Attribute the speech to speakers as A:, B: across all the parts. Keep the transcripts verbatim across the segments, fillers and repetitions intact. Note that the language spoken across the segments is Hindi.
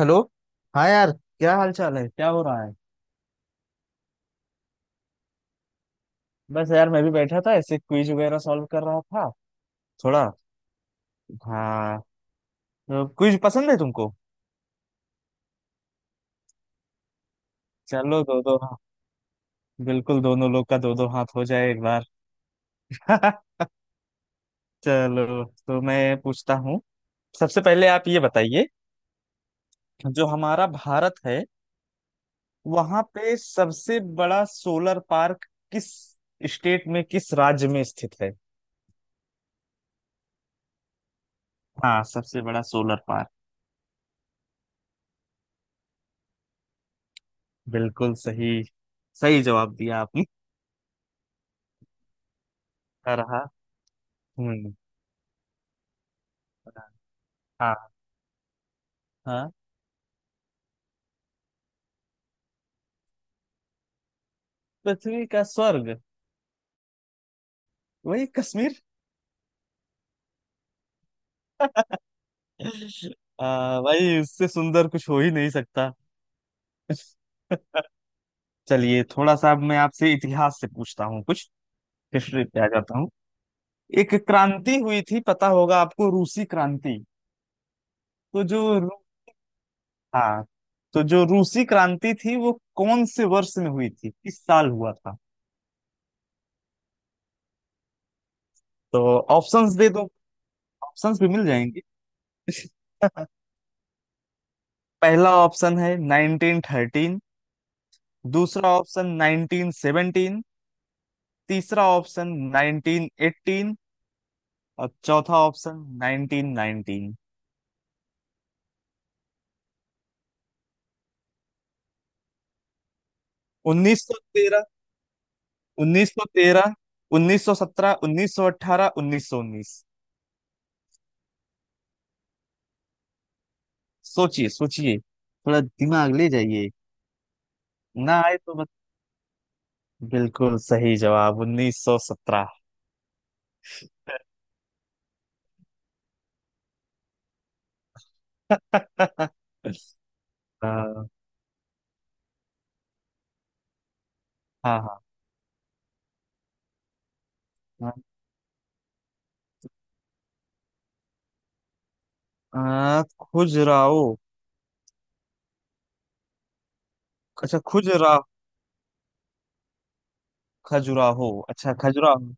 A: हेलो। हाँ यार। क्या हाल चाल है? क्या हो रहा है? बस यार, मैं भी बैठा था ऐसे क्विज वगैरह सॉल्व कर रहा था। थोड़ा। हाँ। तो क्विज पसंद है तुमको? चलो दो दो। हाँ। बिल्कुल दोनों लोग का दो दो हाथ हो जाए एक बार। चलो तो मैं पूछता हूँ। सबसे पहले आप ये बताइए, जो हमारा भारत है वहां पे सबसे बड़ा सोलर पार्क किस स्टेट में, किस राज्य में स्थित है? हाँ। सबसे बड़ा सोलर पार्क। बिल्कुल सही। सही जवाब दिया आपने। रहा। हम्म। हाँ। हाँ। पृथ्वी का स्वर्ग वही कश्मीर। आ, भाई उससे सुंदर कुछ हो ही नहीं सकता। चलिए थोड़ा सा अब मैं आपसे इतिहास से पूछता हूँ कुछ। हिस्ट्री पे आ जाता हूँ। एक क्रांति हुई थी, पता होगा आपको, रूसी क्रांति। तो जो रू- हाँ। तो जो रूसी क्रांति थी वो कौन से वर्ष में हुई थी? किस साल हुआ था? तो ऑप्शंस दे दो। ऑप्शंस भी मिल जाएंगे। पहला ऑप्शन है नाइनटीन थर्टीन, दूसरा ऑप्शन नाइनटीन सेवनटीन, तीसरा ऑप्शन नाइनटीन एटीन और चौथा ऑप्शन नाइनटीन नाइनटीन। उन्नीस सौ तेरह। उन्नीस सौ तेरह, उन्नीस सौ सत्रह, उन्नीस सौ अठारह, उन्नीस सौ उन्नीस। सोचिए सोचिए, थोड़ा दिमाग ले जाइए। ना आए तो मत। बिल्कुल सही जवाब उन्नीस सौ सत्रह। हाँ। हाँ। हाँ। आ, खुजराहो अच्छा खुजरा खजुराहो अच्छा खजुराहो।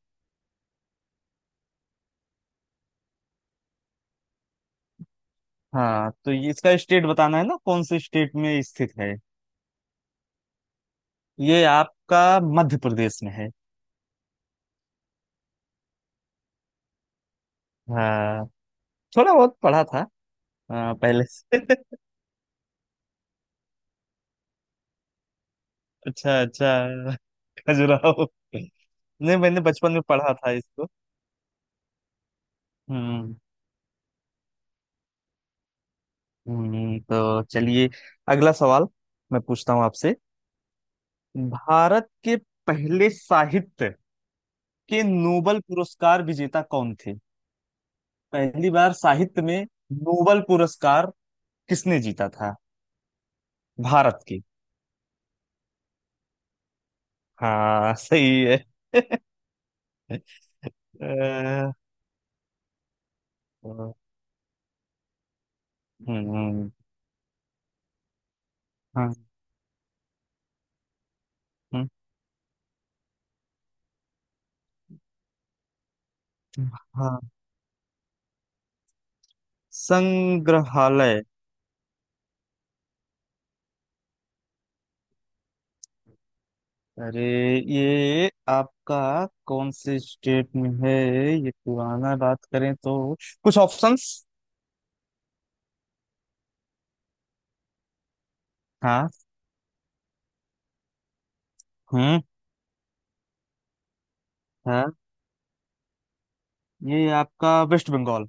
A: हाँ, तो ये इसका स्टेट बताना है ना, कौन से स्टेट में स्थित है? ये आपका मध्य प्रदेश में है। हाँ, थोड़ा बहुत पढ़ा था। हाँ, पहले से। अच्छा अच्छा। खजुराहो। नहीं, मैंने बचपन में पढ़ा था इसको। हम्म। हम्म। तो चलिए अगला सवाल मैं पूछता हूँ आपसे। भारत के पहले साहित्य के नोबल पुरस्कार विजेता कौन थे? पहली बार साहित्य में नोबल पुरस्कार किसने जीता था? भारत के। हाँ, सही है। अ, हम्म। हाँ। हम्म। हाँ। संग्रहालय। अरे, ये आपका कौन से स्टेट में है? ये पुराना बात करें तो कुछ ऑप्शंस। हाँ। हम्म। हाँ। ये आपका वेस्ट बंगाल।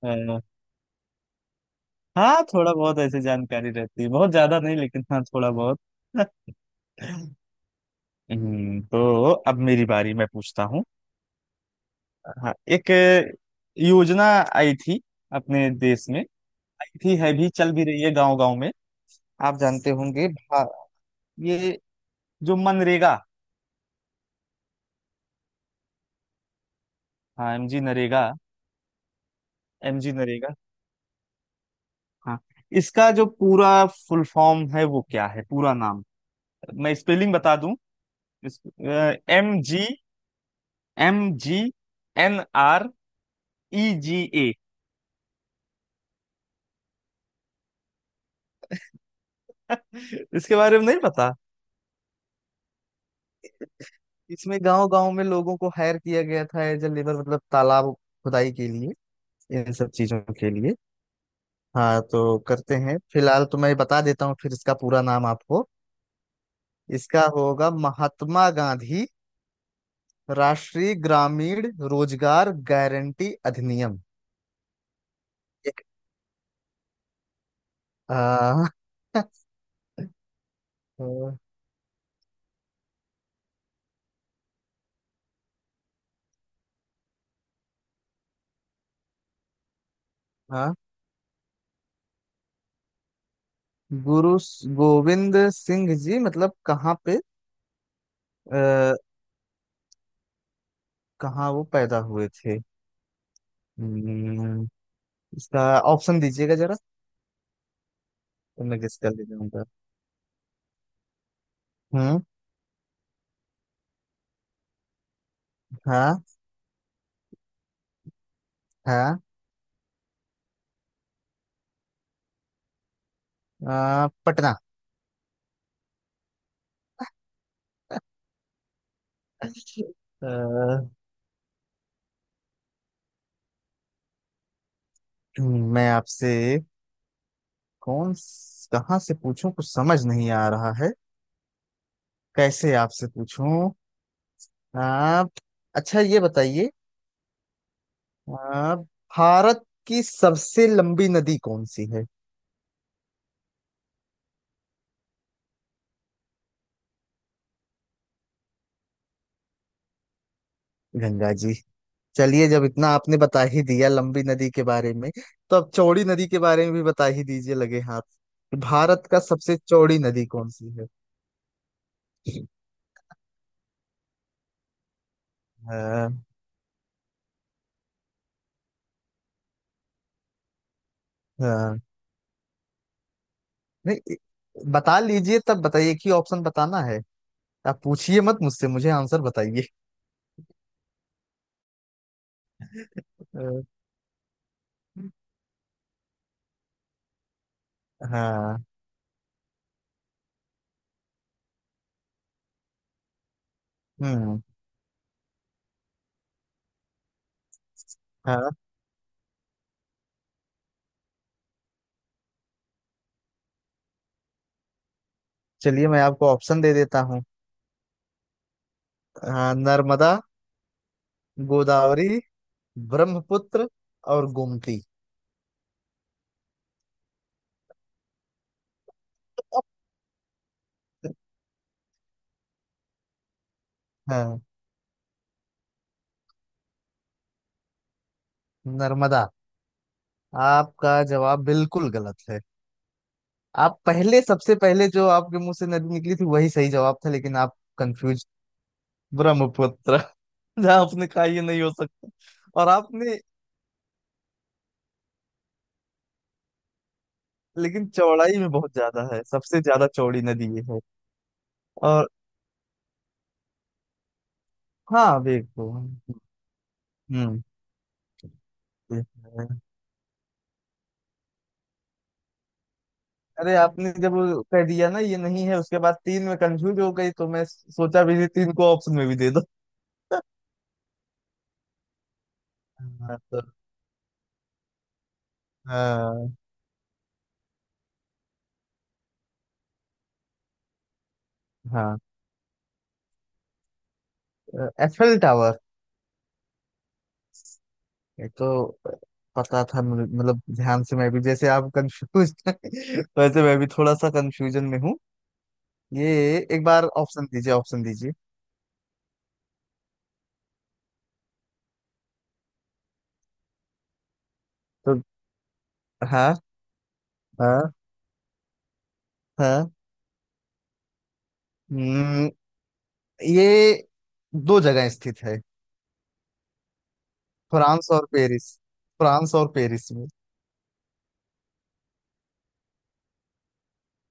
A: अ, हाँ, थोड़ा बहुत ऐसे जानकारी रहती है, बहुत ज्यादा नहीं लेकिन हाँ, थोड़ा बहुत। हम्म तो अब मेरी बारी, मैं पूछता हूँ। हाँ, एक योजना आई थी अपने देश में। आई थी, है भी, चल भी रही है गांव गांव में। आप जानते होंगे भा- ये जो मनरेगा। हाँ, एमजी नरेगा। एमजी नरेगा। हाँ, इसका जो पूरा फुल फॉर्म है वो क्या है, पूरा नाम? मैं स्पेलिंग बता दूं। इस, M G, M G N R E G ए। इसके बारे में नहीं पता। इसमें गांव गांव में लोगों को हायर किया गया था एज ए लेबर, मतलब तालाब खुदाई के लिए, इन सब चीजों के लिए। हाँ, तो करते हैं, फिलहाल तो मैं बता देता हूँ फिर इसका पूरा नाम आपको। इसका होगा, महात्मा गांधी राष्ट्रीय ग्रामीण रोजगार गारंटी अधिनियम। एक। आ, हाँ। गुरु स- गोविंद सिंह जी मतलब कहाँ पे? आ, कहाँ वो पैदा हुए थे? हम्म, इसका ऑप्शन दीजिएगा जरा, तो मैं गेस कर लेता हूँ। हम्म। हाँ। हाँ। हाँ। अ, पटना। अ, मैं आपसे कौन, कहाँ से पूछूं, कुछ समझ नहीं आ रहा है, कैसे आपसे पूछूं आप? अच्छा, ये बताइए, आप भारत की सबसे लंबी नदी कौन सी है? गंगा जी। चलिए, जब इतना आपने बता ही दिया लंबी नदी के बारे में, तो अब चौड़ी नदी के बारे में भी बता ही दीजिए लगे हाथ। भारत का सबसे चौड़ी नदी कौन सी है? हाँ। हाँ। नहीं, बता लीजिए तब, बताइए कि ऑप्शन बताना है। आप पूछिए मत मुझसे, मुझे आंसर बताइए। अ, हाँ। हम्म। हाँ। चलिए, मैं आपको ऑप्शन दे देता हूँ। हाँ, नर्मदा, गोदावरी, ब्रह्मपुत्र और गोमती। हाँ, नर्मदा। आपका जवाब बिल्कुल गलत है। आप पहले, सबसे पहले जो आपके मुंह से नदी निकली थी वही सही जवाब था लेकिन आप कंफ्यूज। ब्रह्मपुत्र। जहाँ आपने कहा ये नहीं हो सकता। और आपने, लेकिन चौड़ाई में बहुत ज्यादा है, सबसे ज्यादा चौड़ी नदी ये है। और हाँ, वेग तो। हम्म। हम्म। अरे, आपने जब वो कह दिया ना ये नहीं है, उसके बाद तीन में कंफ्यूज हो गई, तो मैं सोचा भी नहीं, तीन को ऑप्शन में भी दे दो। हाँ। तो। हाँ। हाँ, एफएल टावर ये तो पता था मुझे, मतलब ध्यान से मैं भी, जैसे आप कंफ्यूज वैसे मैं भी थोड़ा सा कंफ्यूजन में हूँ। ये एक बार ऑप्शन दीजिए, ऑप्शन दीजिए तो। हाँ। हाँ। हाँ। हम्म, ये दो जगह स्थित है, फ्रांस और पेरिस, फ्रांस और पेरिस।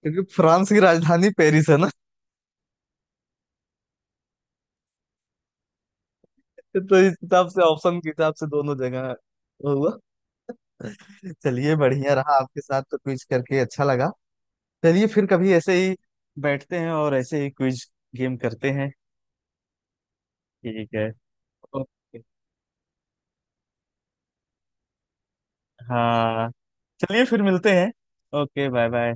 A: क्योंकि फ्रांस की राजधानी पेरिस है ना। तो इस हिसाब से, ऑप्शन के हिसाब से दोनों जगह हुआ। चलिए, बढ़िया रहा, आपके साथ तो क्विज करके अच्छा लगा। चलिए, फिर कभी ऐसे ही बैठते हैं और ऐसे ही क्विज गेम करते हैं। ठीक है। ओके। हाँ। चलिए, फिर मिलते हैं। Okay, bye bye.